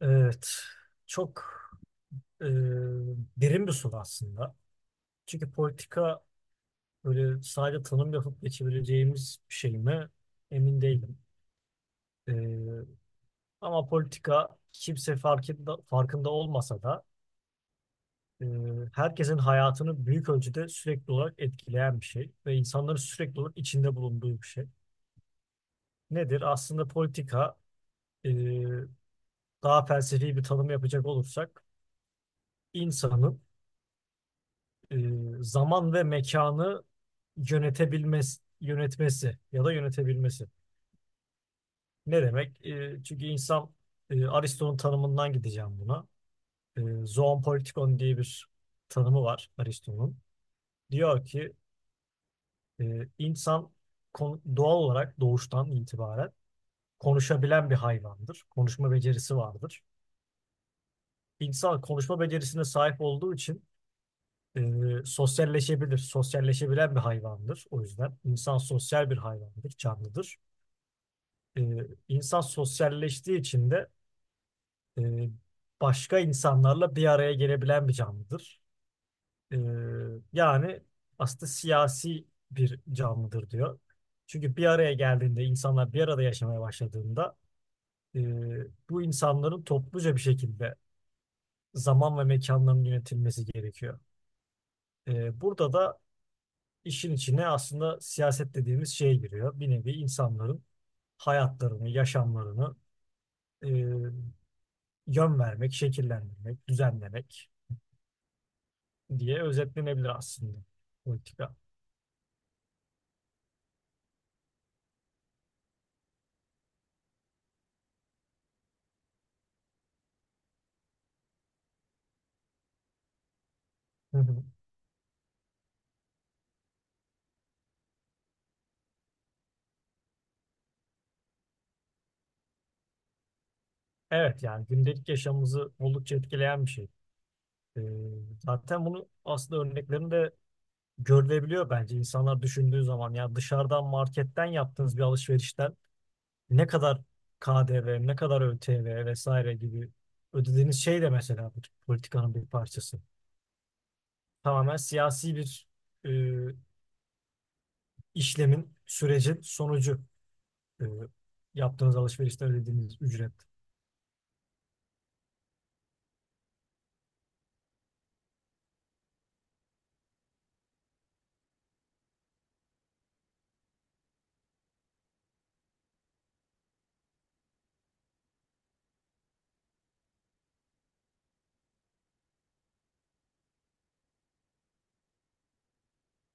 Evet, çok e, derin bir soru aslında. Çünkü politika böyle sadece tanım yapıp geçebileceğimiz bir şey mi? Emin değilim. E, Ama politika kimse farkında, farkında olmasa da e, herkesin hayatını büyük ölçüde sürekli olarak etkileyen bir şey ve insanların sürekli olarak içinde bulunduğu bir şey. Nedir? Aslında politika, e, daha felsefi bir tanım yapacak olursak, insanın e, zaman ve mekanı yönetebilmesi, yönetmesi ya da yönetebilmesi. Ne demek? Çünkü insan, Aristo'nun tanımından gideceğim buna. Zoon politikon diye bir tanımı var Aristo'nun. Diyor ki e, insan doğal olarak doğuştan itibaren konuşabilen bir hayvandır. Konuşma becerisi vardır. İnsan konuşma becerisine sahip olduğu için e, sosyalleşebilir, sosyalleşebilen bir hayvandır. O yüzden insan sosyal bir hayvandır, canlıdır. E, insan sosyalleştiği için de e, başka insanlarla bir araya gelebilen bir canlıdır. E, Yani aslında siyasi bir canlıdır diyor. Çünkü bir araya geldiğinde, insanlar bir arada yaşamaya başladığında, e, bu insanların topluca bir şekilde zaman ve mekanların yönetilmesi gerekiyor. E, burada da İşin içine aslında siyaset dediğimiz şeye giriyor. Bir nevi insanların hayatlarını, yaşamlarını e, yön vermek, şekillendirmek, düzenlemek diye özetlenebilir aslında politika. Hı hı. Evet, yani gündelik yaşamımızı oldukça etkileyen bir şey. E, Zaten bunu aslında örneklerinde görülebiliyor bence. İnsanlar düşündüğü zaman, ya dışarıdan, marketten yaptığınız bir alışverişten ne kadar KDV, ne kadar ÖTV vesaire gibi ödediğiniz şey de mesela bir politikanın bir parçası. Tamamen siyasi bir e, işlemin, sürecin sonucu e, yaptığınız alışverişte ödediğiniz ücret.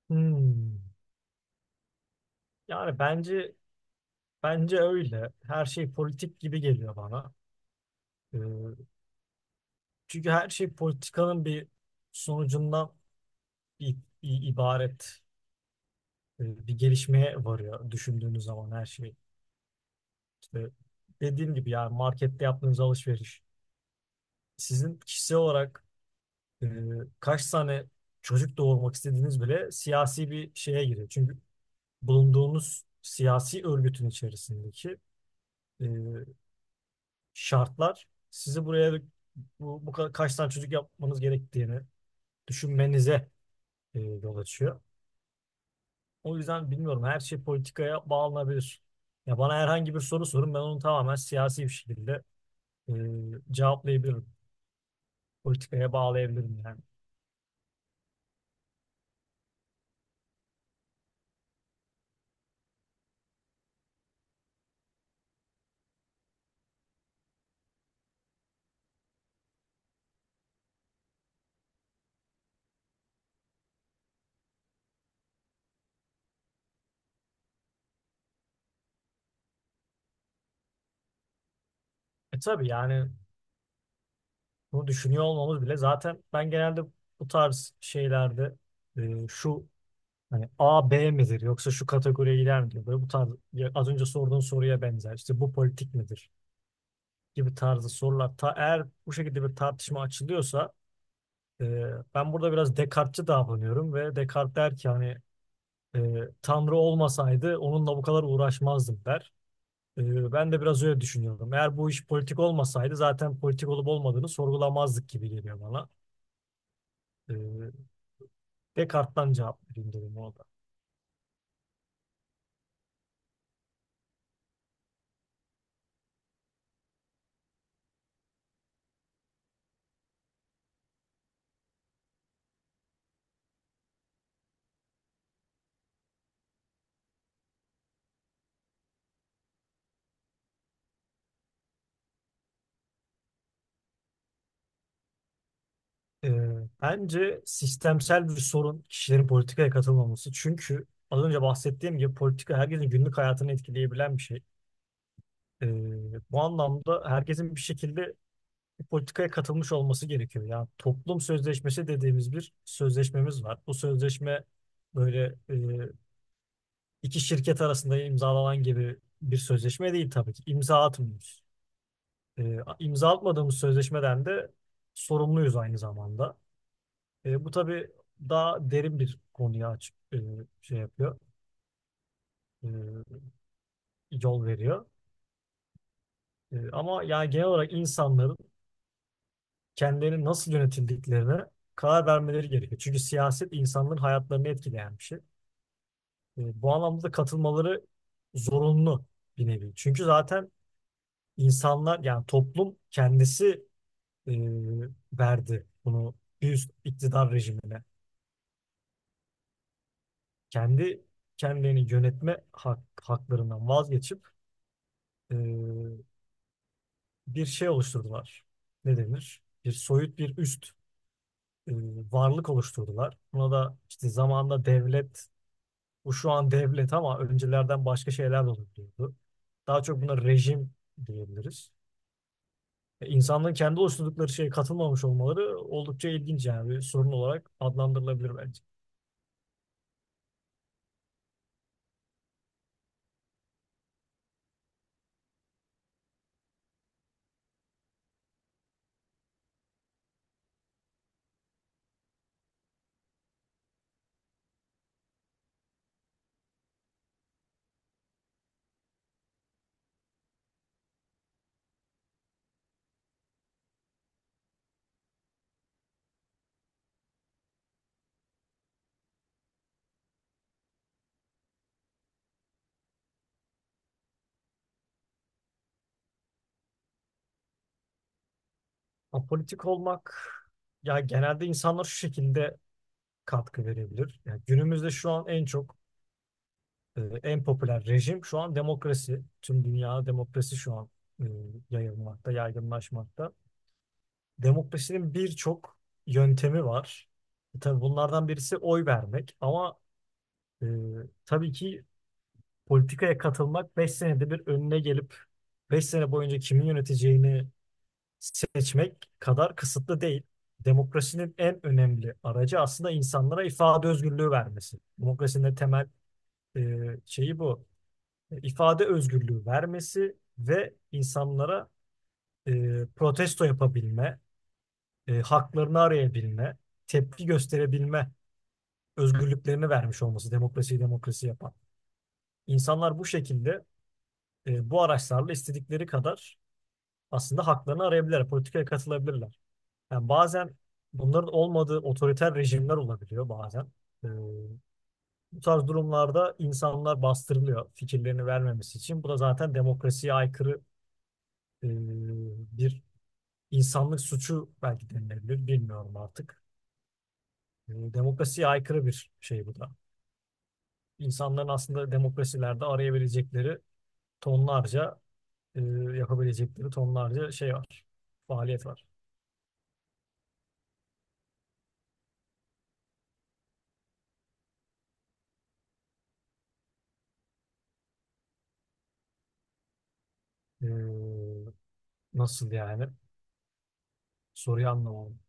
Hmm. Yani bence bence öyle. Her şey politik gibi geliyor bana. E, Çünkü her şey politikanın bir sonucundan i- ibaret, bir gelişmeye varıyor düşündüğünüz zaman her şey. E, Dediğim gibi, yani markette yaptığınız alışveriş. Sizin kişisel olarak e, kaç tane çocuk doğurmak istediğiniz bile siyasi bir şeye giriyor. Çünkü bulunduğunuz siyasi örgütün içerisindeki e, şartlar sizi buraya, bu, bu kaç tane çocuk yapmanız gerektiğini düşünmenize yol açıyor. O yüzden bilmiyorum, her şey politikaya bağlanabilir. Ya bana herhangi bir soru sorun, ben onu tamamen siyasi bir şekilde e, cevaplayabilirim. Politikaya bağlayabilirim yani. E tabii, yani bunu düşünüyor olmamız bile zaten. Ben genelde bu tarz şeylerde, şu, hani A, B midir yoksa şu kategoriye girer mi diyor. Böyle bu tarz, ya az önce sorduğun soruya benzer, işte bu politik midir gibi tarzı sorular. Eğer bu şekilde bir tartışma açılıyorsa, e, ben burada biraz Descartes'çi davranıyorum ve Descartes der ki, hani, e, Tanrı olmasaydı onunla bu kadar uğraşmazdım, der. Ben de biraz öyle düşünüyorum. Eğer bu iş politik olmasaydı, zaten politik olup olmadığını sorgulamazdık gibi geliyor bana. Ee, Descartes'tan cevap vereyim dedim ona da. Ee, Bence sistemsel bir sorun kişilerin politikaya katılmaması. Çünkü az önce bahsettiğim gibi, politika herkesin günlük hayatını etkileyebilen bir şey. Ee, Bu anlamda herkesin bir şekilde bir politikaya katılmış olması gerekiyor. Yani toplum sözleşmesi dediğimiz bir sözleşmemiz var. Bu sözleşme böyle, iki şirket arasında imzalanan gibi bir sözleşme değil tabii ki. İmza atmıyoruz. E, imza atmadığımız sözleşmeden de sorumluyuz aynı zamanda. E, bu tabii daha derin bir konuya açık, şey yapıyor, e, yol veriyor. Ama yani genel olarak insanların kendilerini nasıl yönetildiklerine karar vermeleri gerekiyor. Çünkü siyaset insanların hayatlarını etkileyen bir şey. Bu anlamda da katılmaları zorunlu, bir nevi. Çünkü zaten insanlar, yani toplum kendisi e, verdi bunu bir üst iktidar rejimine. Kendi kendilerini yönetme haklarından vazgeçip e, bir şey oluşturdular. Ne denir? Bir soyut bir üst e, varlık oluşturdular. Buna da işte zamanında devlet, bu şu an devlet, ama öncelerden başka şeyler de olabiliyordu. Daha çok buna rejim diyebiliriz. E, İnsanların kendi oluşturdukları şeye katılmamış olmaları oldukça ilginç, yani bir sorun olarak adlandırılabilir bence. Apolitik olmak, ya genelde insanlar şu şekilde katkı verebilir. Yani günümüzde şu an en çok, en popüler rejim şu an demokrasi. Tüm dünyada demokrasi şu an e, yayılmakta, yaygınlaşmakta. Demokrasinin birçok yöntemi var. Tabii bunlardan birisi oy vermek, ama e, tabii ki politikaya katılmak 5 senede bir önüne gelip 5 sene boyunca kimin yöneteceğini seçmek kadar kısıtlı değil. Demokrasinin en önemli aracı aslında insanlara ifade özgürlüğü vermesi. Demokrasinin de temel e, şeyi bu. E, İfade özgürlüğü vermesi ve insanlara protesto yapabilme, haklarını arayabilme, tepki gösterebilme özgürlüklerini vermiş olması demokrasiyi demokrasi yapan. İnsanlar bu şekilde, bu araçlarla istedikleri kadar aslında haklarını arayabilirler, politikaya katılabilirler. Yani bazen bunların olmadığı otoriter rejimler olabiliyor bazen. Ee, Bu tarz durumlarda insanlar bastırılıyor, fikirlerini vermemesi için. Bu da zaten demokrasiye aykırı, e, bir insanlık suçu belki denilebilir, bilmiyorum artık. E, demokrasiye aykırı bir şey bu da. İnsanların aslında demokrasilerde arayabilecekleri tonlarca, e, yapabilecekleri tonlarca şey var, faaliyet var. E, Nasıl yani? Soruyu anlamadım.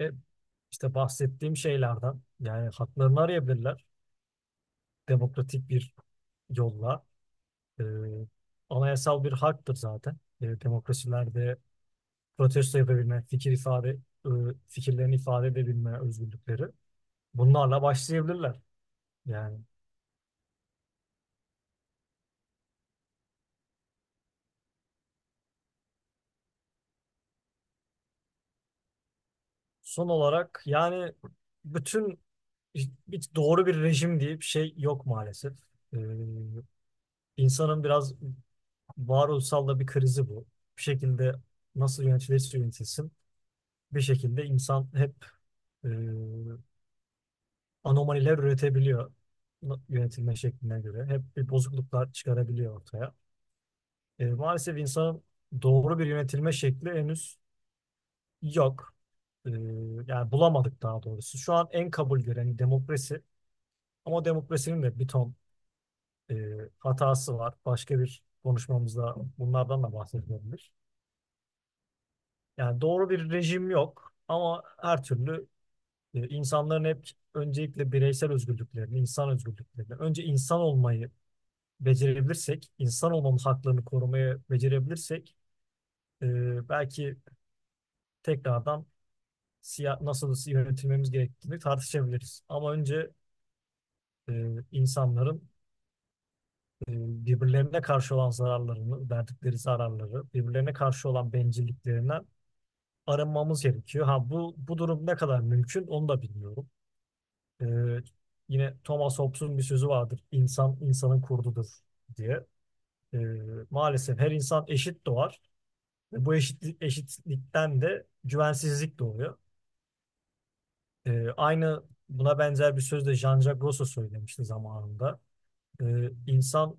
E, işte bahsettiğim şeylerden, yani haklarını arayabilirler demokratik bir yolla. E, anayasal bir haktır zaten. E, demokrasilerde protesto yapabilme, fikir ifade, e, fikirlerini ifade edebilme özgürlükleri. Bunlarla başlayabilirler. Yani, son olarak, yani bütün hiç doğru bir rejim diye bir şey yok maalesef. E, insanın biraz varoluşsal da bir krizi bu. Bir şekilde nasıl yönetilirse yönetilsin, bir şekilde insan hep e, anomaliler üretebiliyor yönetilme şekline göre. Hep bir bozukluklar çıkarabiliyor ortaya. E, maalesef insanın doğru bir yönetilme şekli henüz yok. E, Yani bulamadık daha doğrusu. Şu an en kabul gören demokrasi, ama demokrasinin de bir ton e, hatası var. Başka bir konuşmamızda bunlardan da bahsedebiliriz. Yani doğru bir rejim yok, ama her türlü insanların hep öncelikle bireysel özgürlüklerini, insan özgürlüklerini, önce insan olmayı becerebilirsek, insan olmamız haklarını korumayı becerebilirsek, belki tekrardan siya nasıl yönetilmemiz gerektiğini tartışabiliriz. Ama önce e, insanların e, birbirlerine karşı olan zararlarını, verdikleri zararları, birbirlerine karşı olan bencilliklerinden arınmamız gerekiyor. Ha bu durum ne kadar mümkün onu da bilmiyorum. Ee, Yine Thomas Hobbes'un bir sözü vardır. İnsan insanın kurdudur diye. Ee, Maalesef her insan eşit doğar. Ve bu eşitlik, eşitlikten de güvensizlik doğuyor. Aynı, buna benzer bir söz de Jean-Jacques Rousseau söylemişti zamanında. İnsan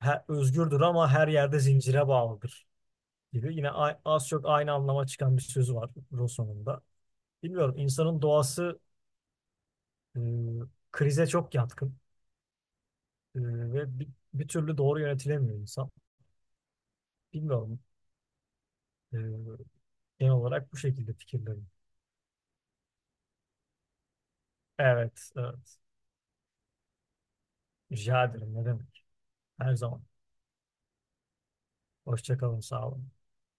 özgürdür ama her yerde zincire bağlıdır gibi. Yine az çok aynı anlama çıkan bir sözü var Rousseau'nun da. Bilmiyorum, insanın doğası e, krize çok yatkın. E, ve bir türlü doğru yönetilemiyor insan. Bilmiyorum. Ee, Genel olarak bu şekilde fikirlerim. Evet, evet. Rica ederim. Ne demek? Her zaman. Hoşça kalın. Sağ olun.